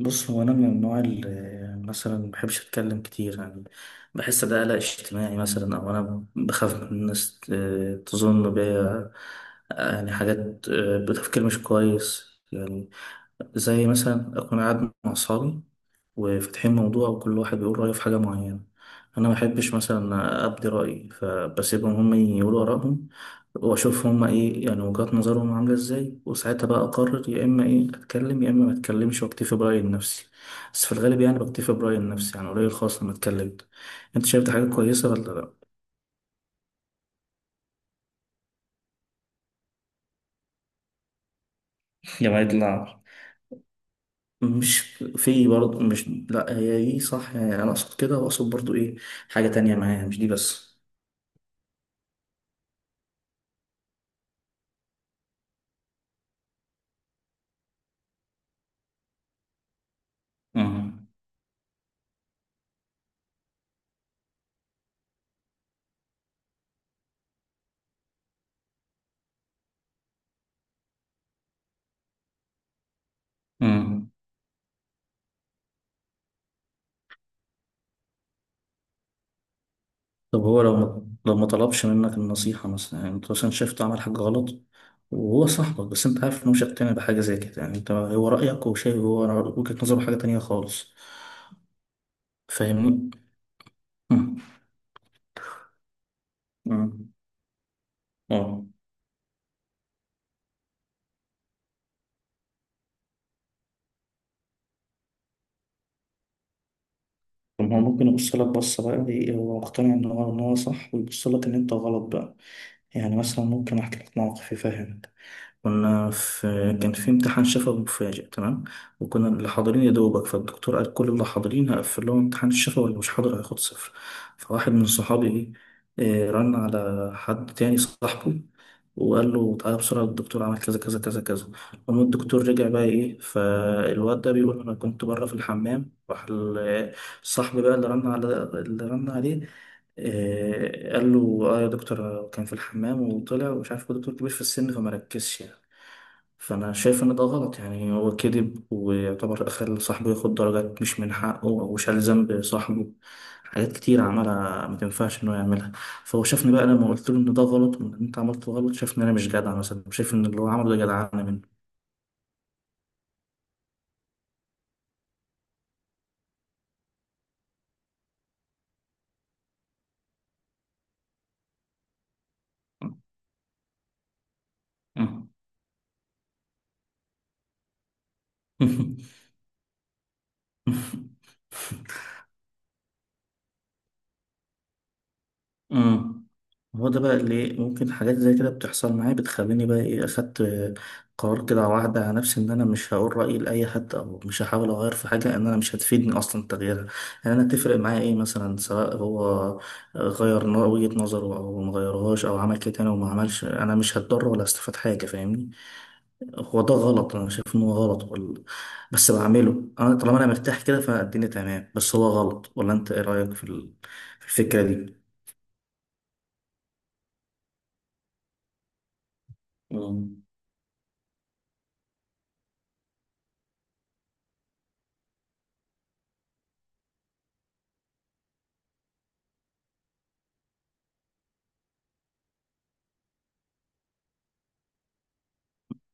بص، هو انا من النوع اللي مثلا ما بحبش اتكلم كتير يعني بحس ده قلق اجتماعي، مثلا او انا بخاف من الناس تظن بيا يعني حاجات، بتفكير مش كويس. يعني زي مثلا أكون قاعد مع أصحابي وفاتحين موضوع، وكل واحد بيقول رأيه في حاجة معينة. أنا ما بحبش مثلا أبدي رأيي فبسيبهم هم يقولوا آرائهم وأشوف هم إيه يعني وجهات نظرهم عاملة إزاي، وساعتها بقى أقرر يا إما إيه أتكلم يا إما ما أتكلمش وأكتفي برأيي النفسي. بس في الغالب يعني بكتفي برأيي النفسي، يعني قليل خالص لما أتكلم. أنت شايف دي حاجة كويسة ولا لأ؟ جمعية العمل. مش في برضه، مش لأ هي دي صح، يعني أنا أقصد كده وأقصد برضه إيه حاجة تانية معايا مش دي بس. مم. مم. طب هو لو ما طلبش منك النصيحة مثلا، يعني انت مثلا شايف عمل حاجة غلط وهو صاحبك، بس انت عارف انه مش هيقتنع بحاجة زي كده، يعني انت هو رأيك وشايف هو وجهة نظره حاجة تانية خالص. فاهمني؟ مم. مم. اه. طب هو ممكن يبص لك بصة بقى ايه، هو مقتنع ان هو صح ويبص لك ان انت غلط بقى. يعني مثلا ممكن احكي لك موقف يفهمك. كنا في كان في امتحان شفوي مفاجئ، تمام. وكنا اللي حاضرين يا دوبك، فالدكتور قال كل اللي حاضرين هقفل لهم امتحان الشفوي واللي مش حاضر هياخد صفر. فواحد من صحابي ايه، رن على حد تاني صاحبه وقال له تعالى بسرعة، الدكتور عمل كذا كذا كذا كذا. المهم الدكتور رجع بقى ايه، فالواد ده بيقول انا كنت بره في الحمام، راح الصاحب بقى اللي رن عليه قال له اه يا دكتور، أنا كان في الحمام وطلع، ومش عارف هو دكتور كبير في السن فما ركزش يعني. فأنا شايف إن ده غلط، يعني هو كذب ويعتبر خلى صاحبه ياخد درجات مش من حقه أو شال ذنب صاحبه. حاجات كتير عملها ما تنفعش إنه يعملها. فهو شافني بقى لما قلت له إن ده غلط وإن أنت عملت غلط، شافني إن أنا مش جدع، مثلا شايف إن اللي هو عمله ده جدعانة منه. امم. هو ده بقى اللي ممكن حاجات زي كده بتحصل معايا، بتخليني بقى ايه اخدت قرار كده على واحدة على نفسي ان انا مش هقول رأيي لأي حد، او مش هحاول اغير في حاجة ان انا مش هتفيدني اصلا تغييرها. يعني انا تفرق معايا ايه مثلا سواء هو غير وجهة نظره او ما غيرهاش او عمل كده تاني وما عملش، انا مش هتضر ولا هستفاد حاجة. فاهمني؟ هو ده غلط، انا شايف ان هو غلط وال... بس بعمله. انا طالما انا مرتاح كده فالدنيا تمام، بس هو غلط، ولا انت ايه رأيك في ال- في الفكرة دي؟ اه.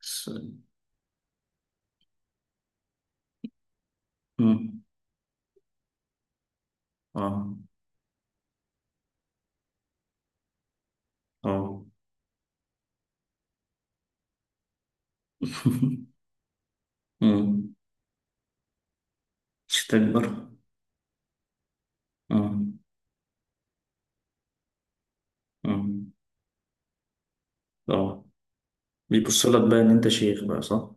بس- مم. اه. اه. مم. مش تكبر. اه. اه. اه. بيبص لك بقى ان انت شيخ بقى، صح؟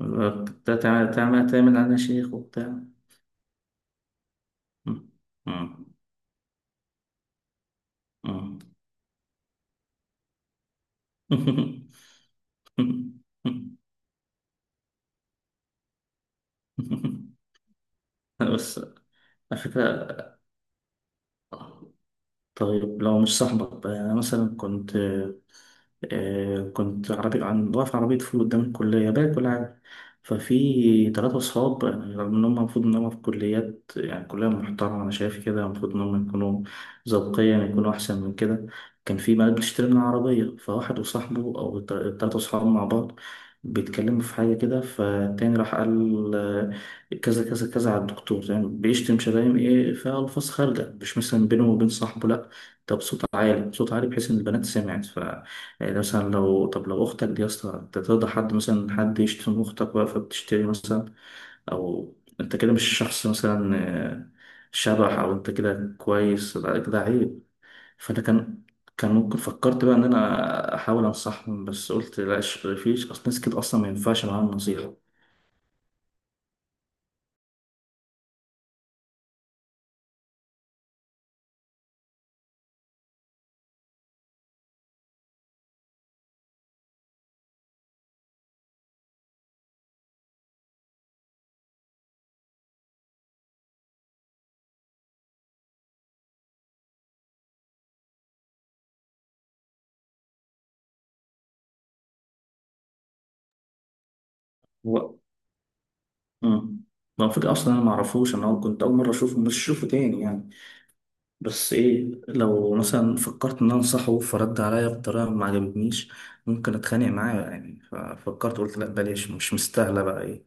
بقى تعمل تعمل تعمل انا شيخ وبتاع. مم. مم. مم. بس على فكرة، طيب لو مش صاحبك بقى، يعني مثلا كنت عربي، عن واقف عربية فول قدام الكلية باكل كل حاجة، ففي تلاتة صحاب، يعني رغم إن هم المفروض إن هم في كليات، يعني كلية محترمة، أنا شايف كده المفروض إن هم يكونوا ذوقيا يكونوا أحسن من كده. كان في بنات بتشتري من العربية، فواحد وصاحبه أو التلاتة صحاب مع بعض بيتكلموا في حاجة كده، فالتاني راح قال كذا كذا كذا على الدكتور، يعني بيشتم شتايم إيه، فألفاظ خارجة، مش مثلا بينه وبين صاحبه، لأ ده بصوت عالي، بصوت عالي بحيث إن البنات سمعت. ف، يعني مثلا لو طب لو أختك دي يا اسطى، أنت ترضى حد مثلا حد يشتم أختك بقى فبتشتري مثلا، أو أنت كده مش شخص مثلا آه، شبح، أو أنت كده كويس؟ لا كده عيب. فأنا كان كان ممكن فكرت بقى إن أنا أحاول أنصحهم، بس قلت لا فيش أصل، ناس كده أصلا ما ينفعش معاهم نصيحة. هو مم. ما هو فكرة أصلا أنا ما أعرفوش، أنا كنت أول مرة أشوفه مش أشوفه تاني يعني. بس ايه، لو مثلا فكرت ان انا انصحه فرد عليا بطريقه ما عجبتنيش ممكن اتخانق معاه يعني، ففكرت قلت لا بلاش، مش مستاهله بقى ايه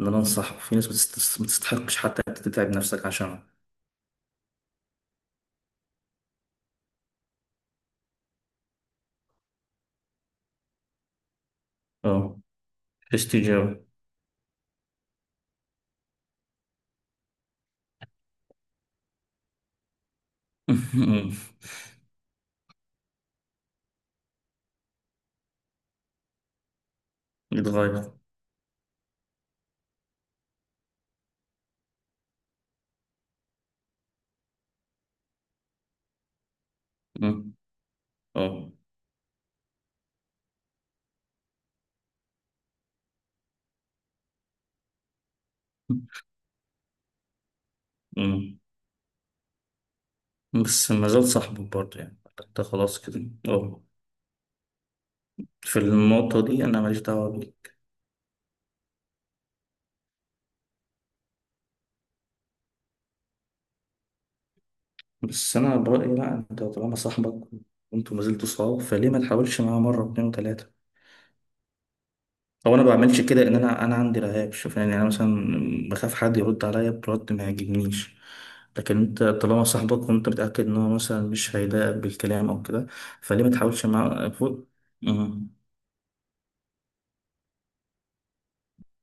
ان انا انصحه. في ناس ما تستحقش حتى إنك تتعب نفسك عشانها. اه. برستيج أوي. يتغير. أمم. اه. أمم. بس ما زال صاحبه برضه يعني، انت خلاص كده اه في النقطه دي انا ماليش دعوه بيه. بس انا برأيي لا، انت طالما صاحبك وانتوا ما زلتوا صحاب فليه ما تحاولش معاه مره واتنين وتلاته. هو انا ما بعملش كده، ان انا عندي رهاب شوف، يعني انا مثلا بخاف حد يرد عليا برد ما يعجبنيش. لكن انت طالما صاحبك وانت متأكد ان هو مثلا مش هيضايقك بالكلام او كده فليه ما تحاولش معاه فوق. أمم،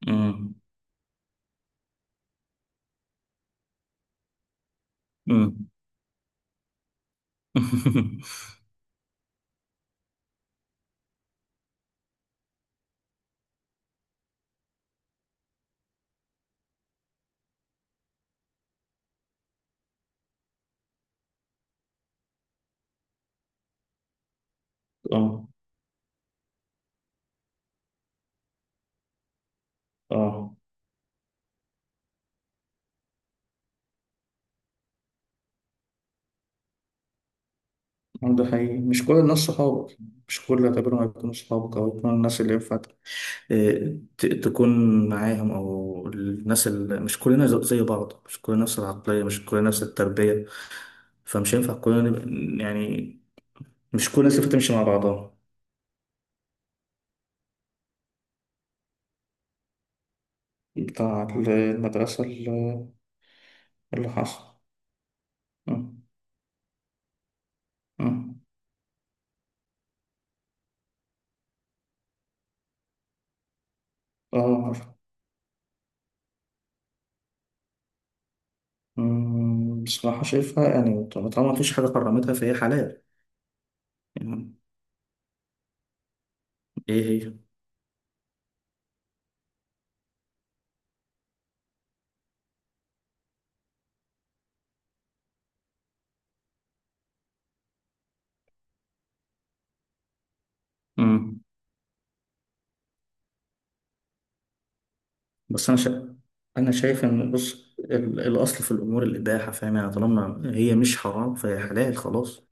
أمم، أمم. اه. اه. ده حقيقي، مش كل الناس صحابك، مش كل اللي هتقابلهم هيكونوا صحابك او يكونوا الناس اللي ينفع تكون معاهم، او الناس اللي، مش كلنا زي بعض، مش كلنا نفس العقليه مش كلنا نفس التربيه، فمش ينفع كلنا نبقى- يعني مش كل الناس تمشي مع بعضها. بتاع المدرسه اللي حصل. اه. آه. عارف. مم، بصراحه شايفها يعني طب- طالما مفيش حاجه حرمتها فهي حلال. يعني ايه هي؟ مم. بس انا شايف ان بص الاصل في الامور الاباحه، فاهم؟ يعني طالما هي مش حرام فهي حلال خلاص.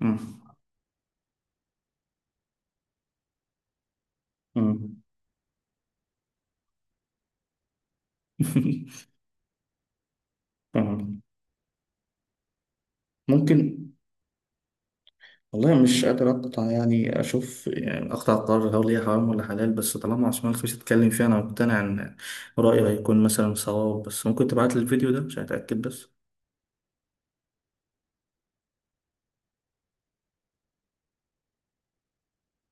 مم. مم. تمام. ممكن. والله مش قادر أقطع، يعني أشوف، يعني أقطع قرار هل هي حرام ولا حلال، بس طالما عثمان الخفيف اتكلم فيها أنا مقتنع إن رأيه هيكون مثلا صواب، بس ممكن تبعت لي الفيديو ده عشان أتأكد بس.